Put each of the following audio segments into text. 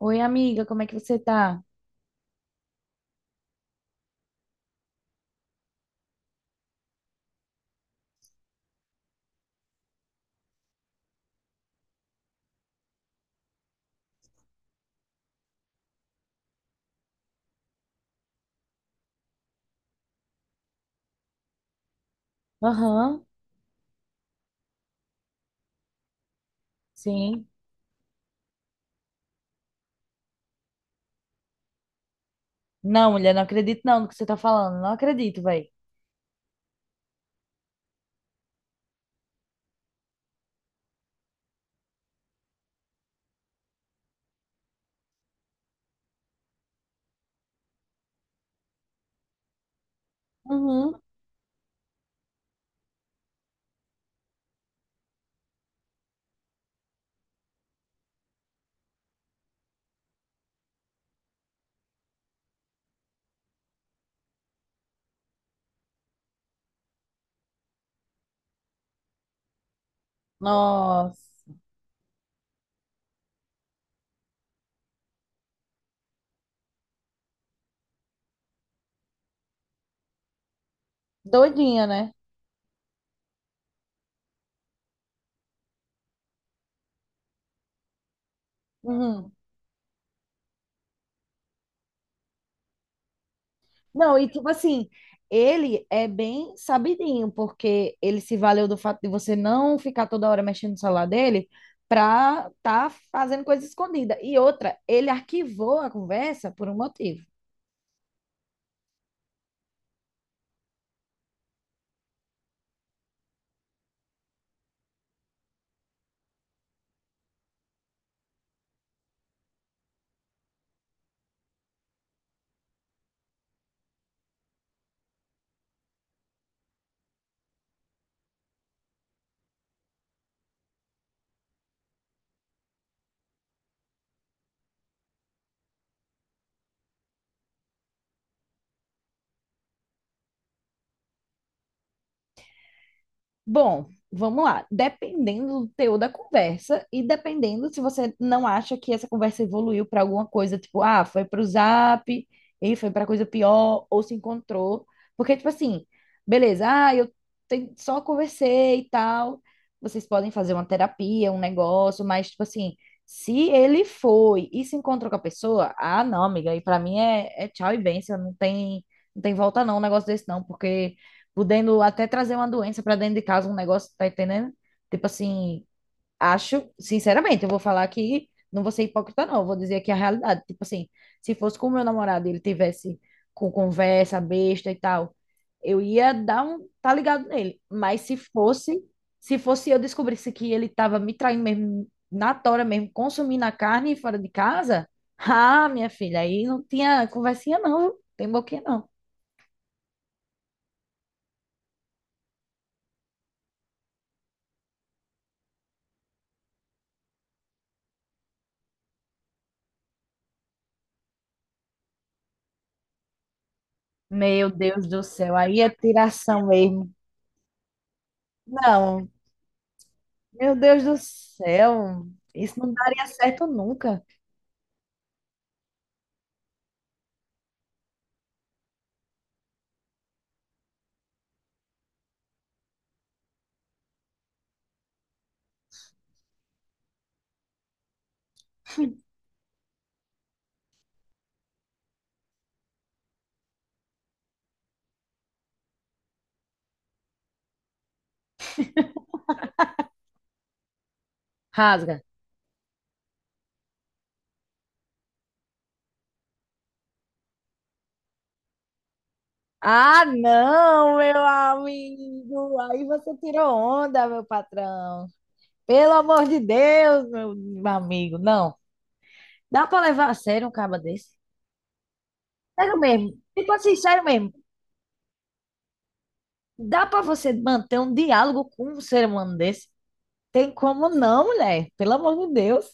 Oi, amiga, como é que você tá? Aham, sim. Não, mulher, não acredito não no que você tá falando. Não acredito, velho. Uhum. Nossa. Doidinha, né? Uhum. Não, e tipo assim, ele é bem sabidinho, porque ele se valeu do fato de você não ficar toda hora mexendo no celular dele pra tá fazendo coisa escondida. E outra, ele arquivou a conversa por um motivo. Bom, vamos lá. Dependendo do teor da conversa e dependendo se você não acha que essa conversa evoluiu para alguma coisa, tipo, ah, foi para o Zap, e foi para coisa pior, ou se encontrou. Porque, tipo assim, beleza, ah, eu só conversei e tal. Vocês podem fazer uma terapia, um negócio, mas, tipo assim, se ele foi e se encontrou com a pessoa, ah, não, amiga, e para mim é, é tchau e bênção, não tem, não tem volta não, um negócio desse não, porque podendo até trazer uma doença para dentro de casa, um negócio, tá entendendo? Tipo assim, acho, sinceramente, eu vou falar que não vou ser hipócrita, não, eu vou dizer aqui a realidade. Tipo assim, se fosse com o meu namorado e ele tivesse com conversa besta e tal, eu ia dar um, tá ligado nele. Mas se fosse, se fosse eu descobrisse que ele tava me traindo mesmo, na tora mesmo, consumindo a carne fora de casa, ah, minha filha, aí não tinha conversinha, não, viu? Tem boquinha, não. Meu Deus do céu, aí é tiração mesmo. Não, meu Deus do céu, isso não daria certo nunca. Rasga. Ah, não, meu amigo, aí você tirou onda, meu patrão. Pelo amor de Deus, meu amigo, não. Dá pra levar a sério um caba desse? Sério mesmo, tipo assim, sério mesmo. Dá pra você manter um diálogo com um ser humano desse? Tem como não, mulher, pelo amor de Deus.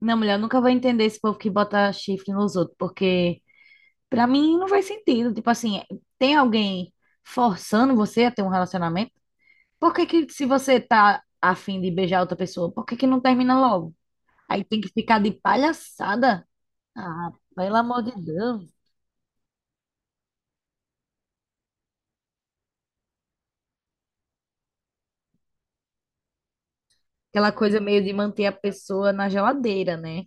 Não, mulher, eu nunca vou entender esse povo que bota chifre nos outros, porque pra mim não faz sentido. Tipo assim, tem alguém forçando você a ter um relacionamento? Por que que se você tá afim de beijar outra pessoa, por que que não termina logo? Aí tem que ficar de palhaçada? Ah, pelo amor de Deus. Aquela coisa meio de manter a pessoa na geladeira, né?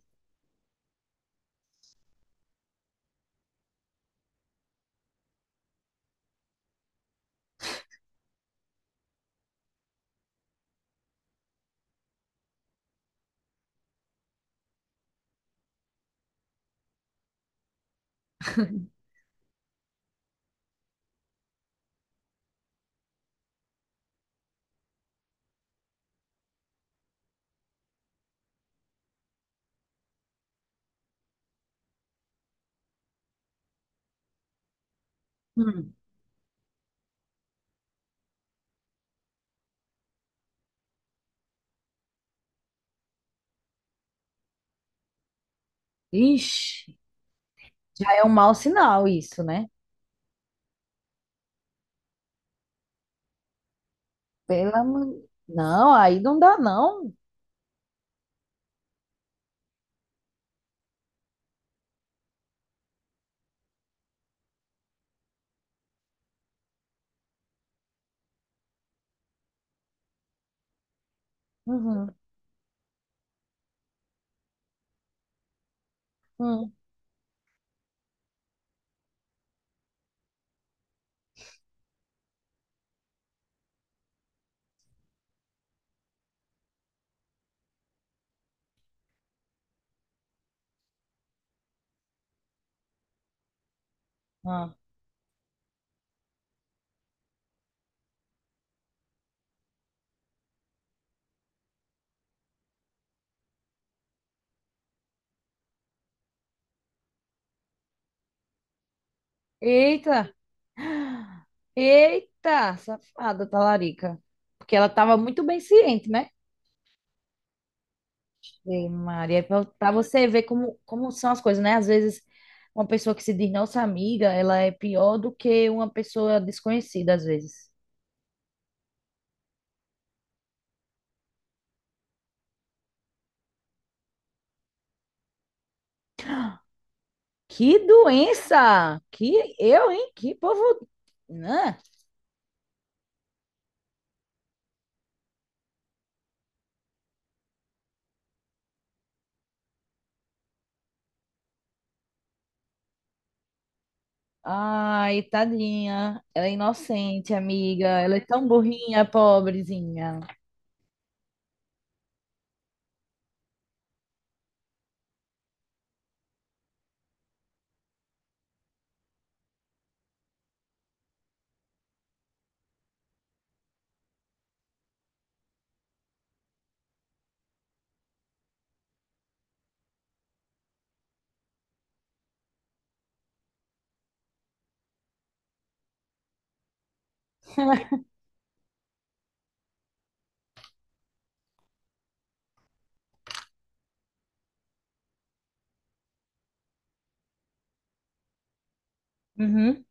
Hum. Ixi, já é um mau sinal isso, né? Pelo amor... Não, aí não dá, não. Uhum. Uhum. Ah. Eita! Eita, safada, talarica. Porque ela estava muito bem ciente, né? Ei, Maria, para você ver como, como são as coisas, né? Às vezes, uma pessoa que se diz nossa amiga, ela é pior do que uma pessoa desconhecida, às vezes. Que doença! Que eu, hein? Que povo. Né? Ai, tadinha. Ela é inocente, amiga. Ela é tão burrinha, pobrezinha. Uhum.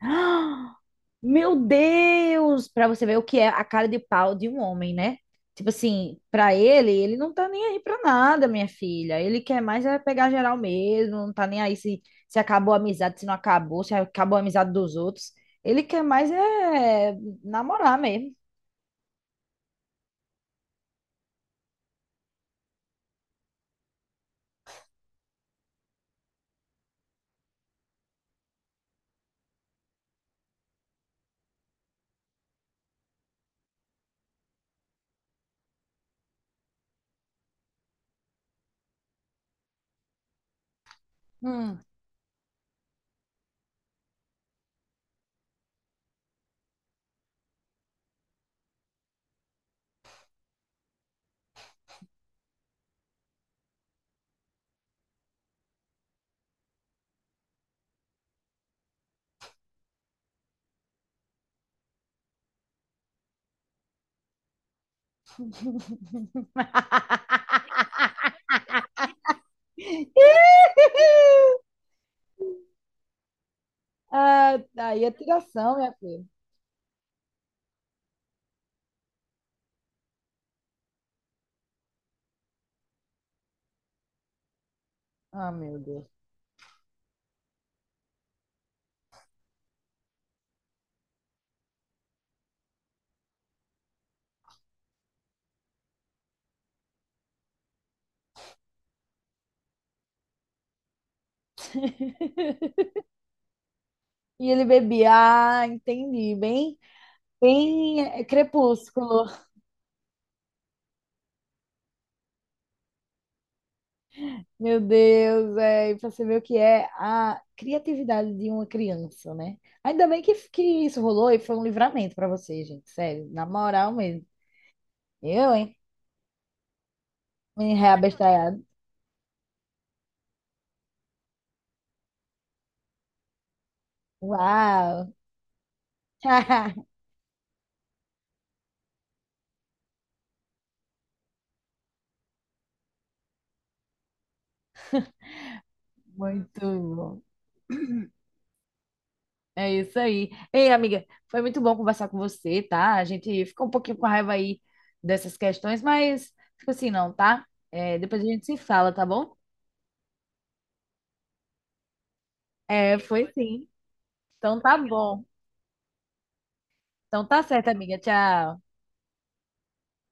Meu Deus! Pra você ver o que é a cara de pau de um homem, né? Tipo assim, pra ele, ele não tá nem aí pra nada, minha filha. Ele quer mais é pegar geral mesmo, não tá nem aí se acabou a amizade, se não acabou, se acabou a amizade dos outros. Ele quer mais é namorar mesmo. Hum. Ah, aí é tiração, minha filha. Ah, meu Deus. E ele bebia, ah, entendi, bem, bem é, crepúsculo. Meu Deus, é, e pra você ver o que é a criatividade de uma criança, né? Ainda bem que isso rolou e foi um livramento pra você, gente, sério, na moral mesmo. Eu, hein? Me reabestalhado. Uau! Muito bom. É isso aí. Ei, amiga, foi muito bom conversar com você, tá? A gente ficou um pouquinho com raiva aí dessas questões, mas fica assim, não, tá? É, depois a gente se fala, tá bom? É, foi sim. Então tá bom. Então tá certo, amiga. Tchau.